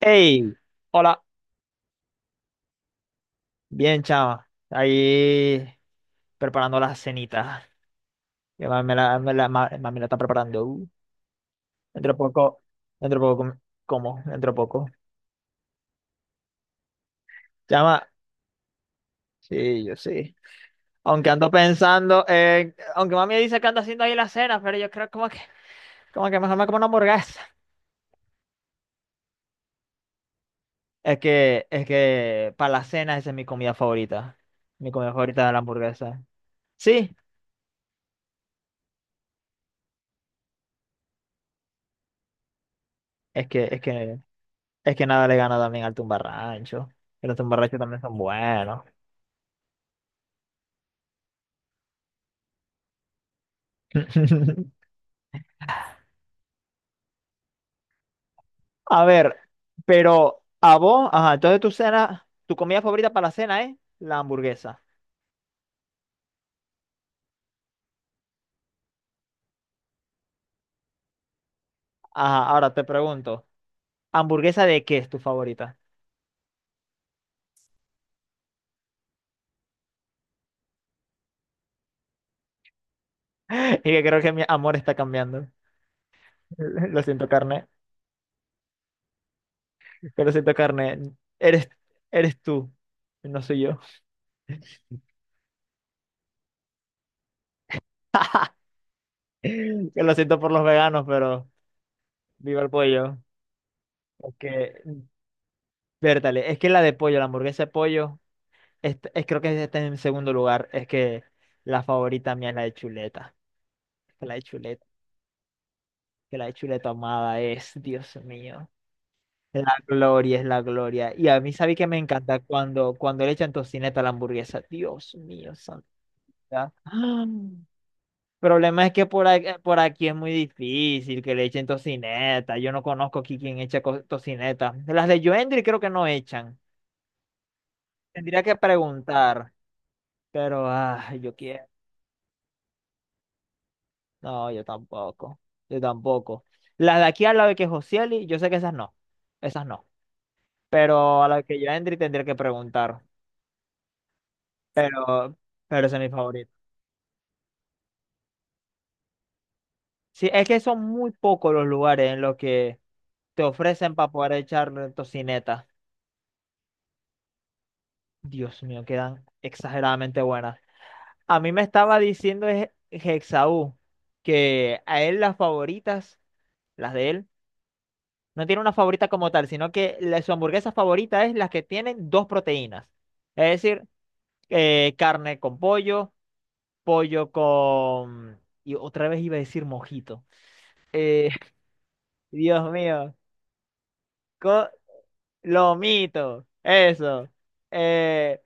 Hey, hola, bien chama, ahí preparando la cenita. Que mami mami la está preparando, dentro de poco, dentro de poco, com- dentro de poco, chama. Sí, yo sí, aunque ando pensando, aunque mami dice que anda haciendo ahí la cena, pero yo creo como que mejor me como una hamburguesa. Es que para la cena esa es mi comida favorita es la hamburguesa. Sí, es que, es que Es que nada le gana también al tumbarrancho. Que los tumbarranchos también son buenos. A ver, pero a vos, ajá, entonces tu cena, tu comida favorita para la cena es la hamburguesa. Ajá, ahora te pregunto, ¿hamburguesa de qué es tu favorita? Y que creo que mi amor está cambiando. Lo siento, carne. Que lo siento, carne. Eres, eres tú, no soy yo. Que lo siento por los veganos, pero viva el pollo. Es que, vértale, es que la de pollo, la hamburguesa de pollo. Creo que está en segundo lugar. Es que la favorita mía es la de chuleta. Que la de chuleta, que la de chuleta amada es, Dios mío. La gloria es la gloria. Y a mí, ¿sabes que me encanta? Cuando le echan tocineta a la hamburguesa. Dios mío, santa. El problema es que por aquí es muy difícil que le echen tocineta. Yo no conozco aquí quien echa tocineta. Las de Joendry creo que no echan. Tendría que preguntar. Pero, ah, yo quiero. No, yo tampoco. Yo tampoco. Las de aquí a la de que Josieli, yo sé que esas no. Esas no. Pero a la que yo Endri tendría que preguntar. Pero, pero ese es mi favorito. Sí, es que son muy pocos los lugares en los que te ofrecen para poder echar tocineta. Dios mío, quedan exageradamente buenas. A mí me estaba diciendo es Hexaú que a él las favoritas, las de él, no tiene una favorita como tal, sino que su hamburguesa favorita es las que tienen dos proteínas. Es decir, carne con pollo, pollo con... Y otra vez iba a decir mojito. Eh, Dios mío, co- lomito, eso. Eh,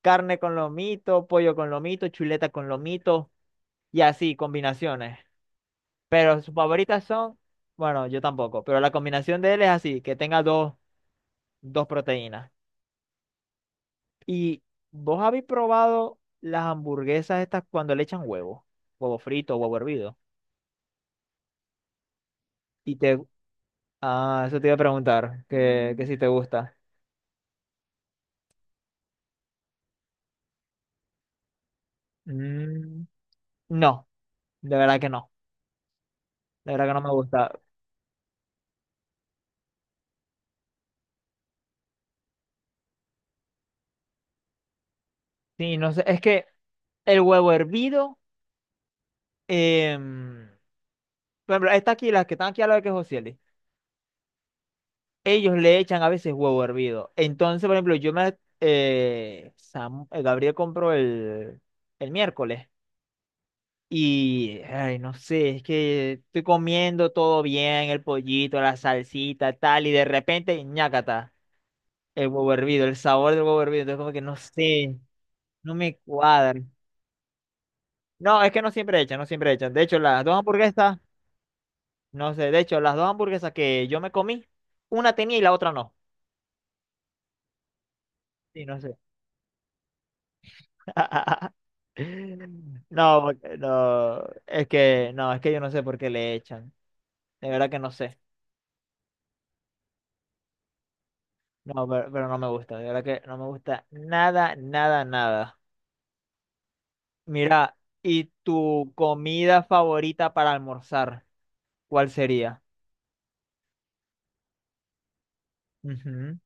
carne con lomito, pollo con lomito, chuleta con lomito y así, combinaciones. Pero sus favoritas son, bueno, yo tampoco, pero la combinación de él es así, que tenga dos proteínas. ¿Y vos habéis probado las hamburguesas estas cuando le echan huevo? Huevo frito, huevo hervido. Y te... Ah, eso te iba a preguntar, que si te gusta. Mm, no, de verdad que no. De verdad que no me gusta. Sí, no sé, es que el huevo hervido, em, por ejemplo, estas aquí, las que están aquí a la de que Josieli, ellos le echan a veces huevo hervido. Entonces, por ejemplo, Gabriel compró el miércoles. Y, ay, no sé, es que estoy comiendo todo bien, el pollito, la salsita, tal, y de repente, ñácata, el huevo hervido, el sabor del huevo hervido, entonces como que no sé, no me cuadra. No, es que no siempre echan, no siempre echan. De hecho, las dos hamburguesas, no sé, de hecho, las dos hamburguesas que yo me comí, una tenía y la otra no. Sí, no sé. No, porque- no, es que, no, es que yo no sé por qué le echan. De verdad que no sé. No, pero no me gusta, de verdad que no me gusta nada, nada, nada. Mira, ¿y tu comida favorita para almorzar? ¿Cuál sería? Ujú.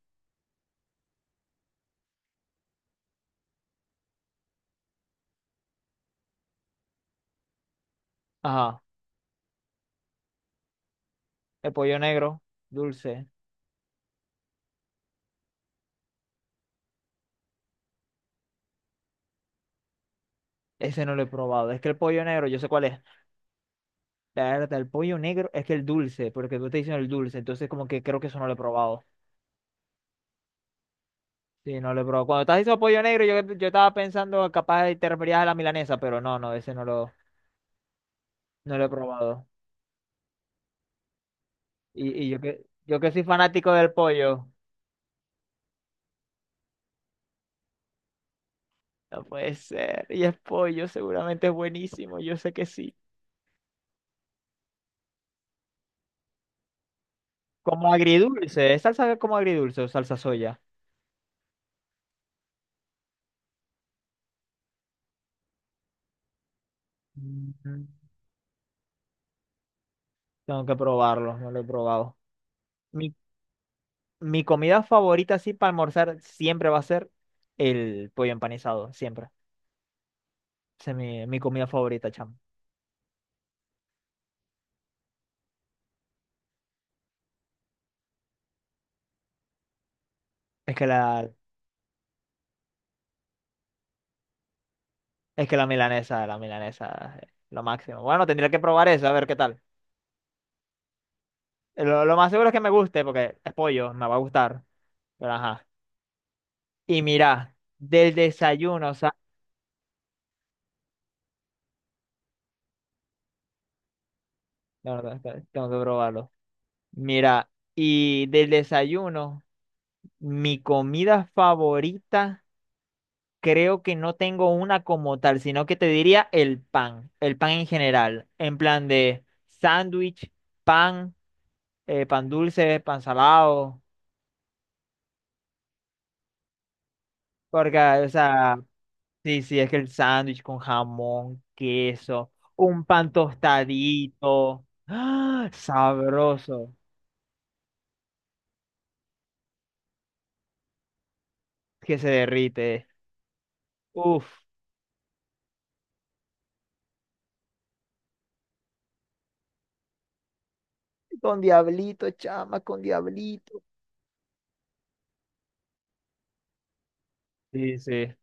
Ajá, el pollo negro, dulce. Ese no lo he probado. Es que el pollo negro, yo sé cuál es. La verdad, el pollo negro es que el dulce, porque tú te diciendo el dulce, entonces como que creo que eso no lo he probado. Sí, no lo he probado. Cuando estás diciendo pollo negro, yo estaba pensando capaz de te referías a la milanesa, pero no, no, ese no lo he probado. Yo que soy fanático del pollo. No puede ser. Y es pollo, seguramente es buenísimo. Yo sé que sí. Como agridulce, ¿es salsa como agridulce o salsa soya? Mm. Tengo que probarlo, no lo he probado. Mi, mi comida favorita, así para almorzar, siempre va a ser el pollo empanizado, siempre. Esa es mi comida favorita, chamo. Es que la, es que la milanesa, es lo máximo. Bueno, tendría que probar eso, a ver qué tal. Lo más seguro es que me guste, porque es pollo, me va a gustar. Pero ajá. Y mira, del desayuno, la verdad, es que tengo que probarlo. Mira, y del desayuno, mi comida favorita, creo que no tengo una como tal, sino que te diría el pan en general, en plan de sándwich, pan, pan dulce, pan salado, porque, o sea, sí, sí, es que el sándwich con jamón, queso, un pan tostadito, ¡ah!, sabroso, que se derrite. Uf. Con Diablito, chama, con Diablito. Sí, sí,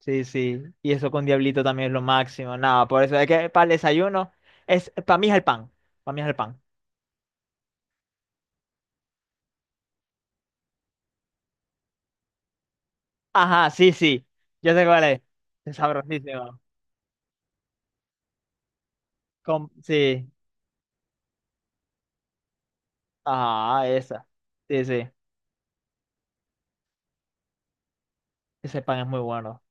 sí, sí. Y eso con Diablito también es lo máximo. Nada, por eso es que para el desayuno es para mí es el pan. Para mí es el pan. Ajá, sí, sí. Yo sé cuál es. Es sabrosísimo. Con- sí. Ah, esa. Sí, sí. Ese pan es muy bueno.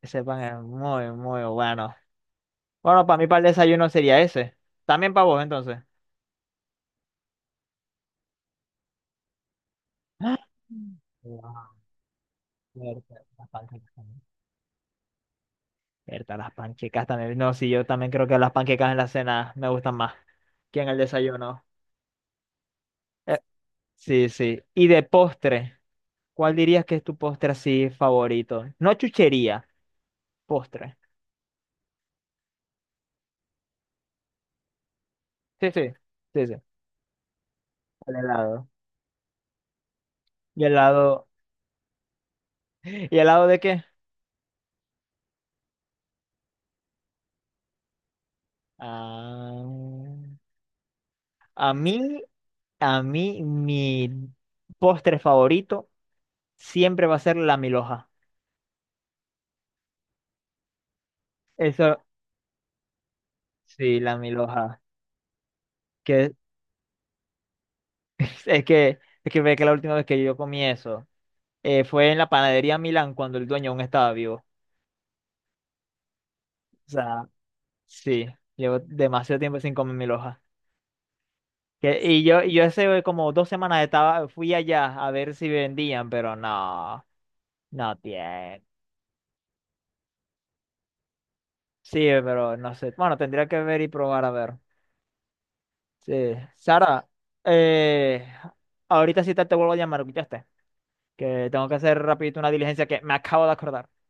Ese pan es muy, muy bueno. Bueno, para mí para el desayuno sería ese. También para vos, entonces. ¡Ah! Wow, fuerte, la panza. Berta, las panquecas también. No, sí, yo también creo que las panquecas en la cena me gustan más que en el desayuno. Eh, sí, sí. Y de postre, ¿cuál dirías que es tu postre así favorito? No chuchería, postre. Sí, sí, sí, sí. El helado. ¿Y helado? ¿Y helado de qué? Ah, a mí, a mí, mi postre favorito siempre va a ser la milhoja. Eso, sí, la milhoja. Que es que, es que ve que la última vez que yo comí eso fue en la panadería Milán cuando el dueño aún estaba vivo. O sea, sí, llevo demasiado tiempo sin comer mi loja. Que- y yo hace como 2 semanas estaba, fui allá a ver si vendían, pero no, no tiene. Sí, pero no sé. Bueno, tendría que ver y probar a ver. Sí. Sara, eh, ahorita sí te vuelvo a llamar, ¿escuchaste? Que tengo que hacer rapidito una diligencia que me acabo de acordar.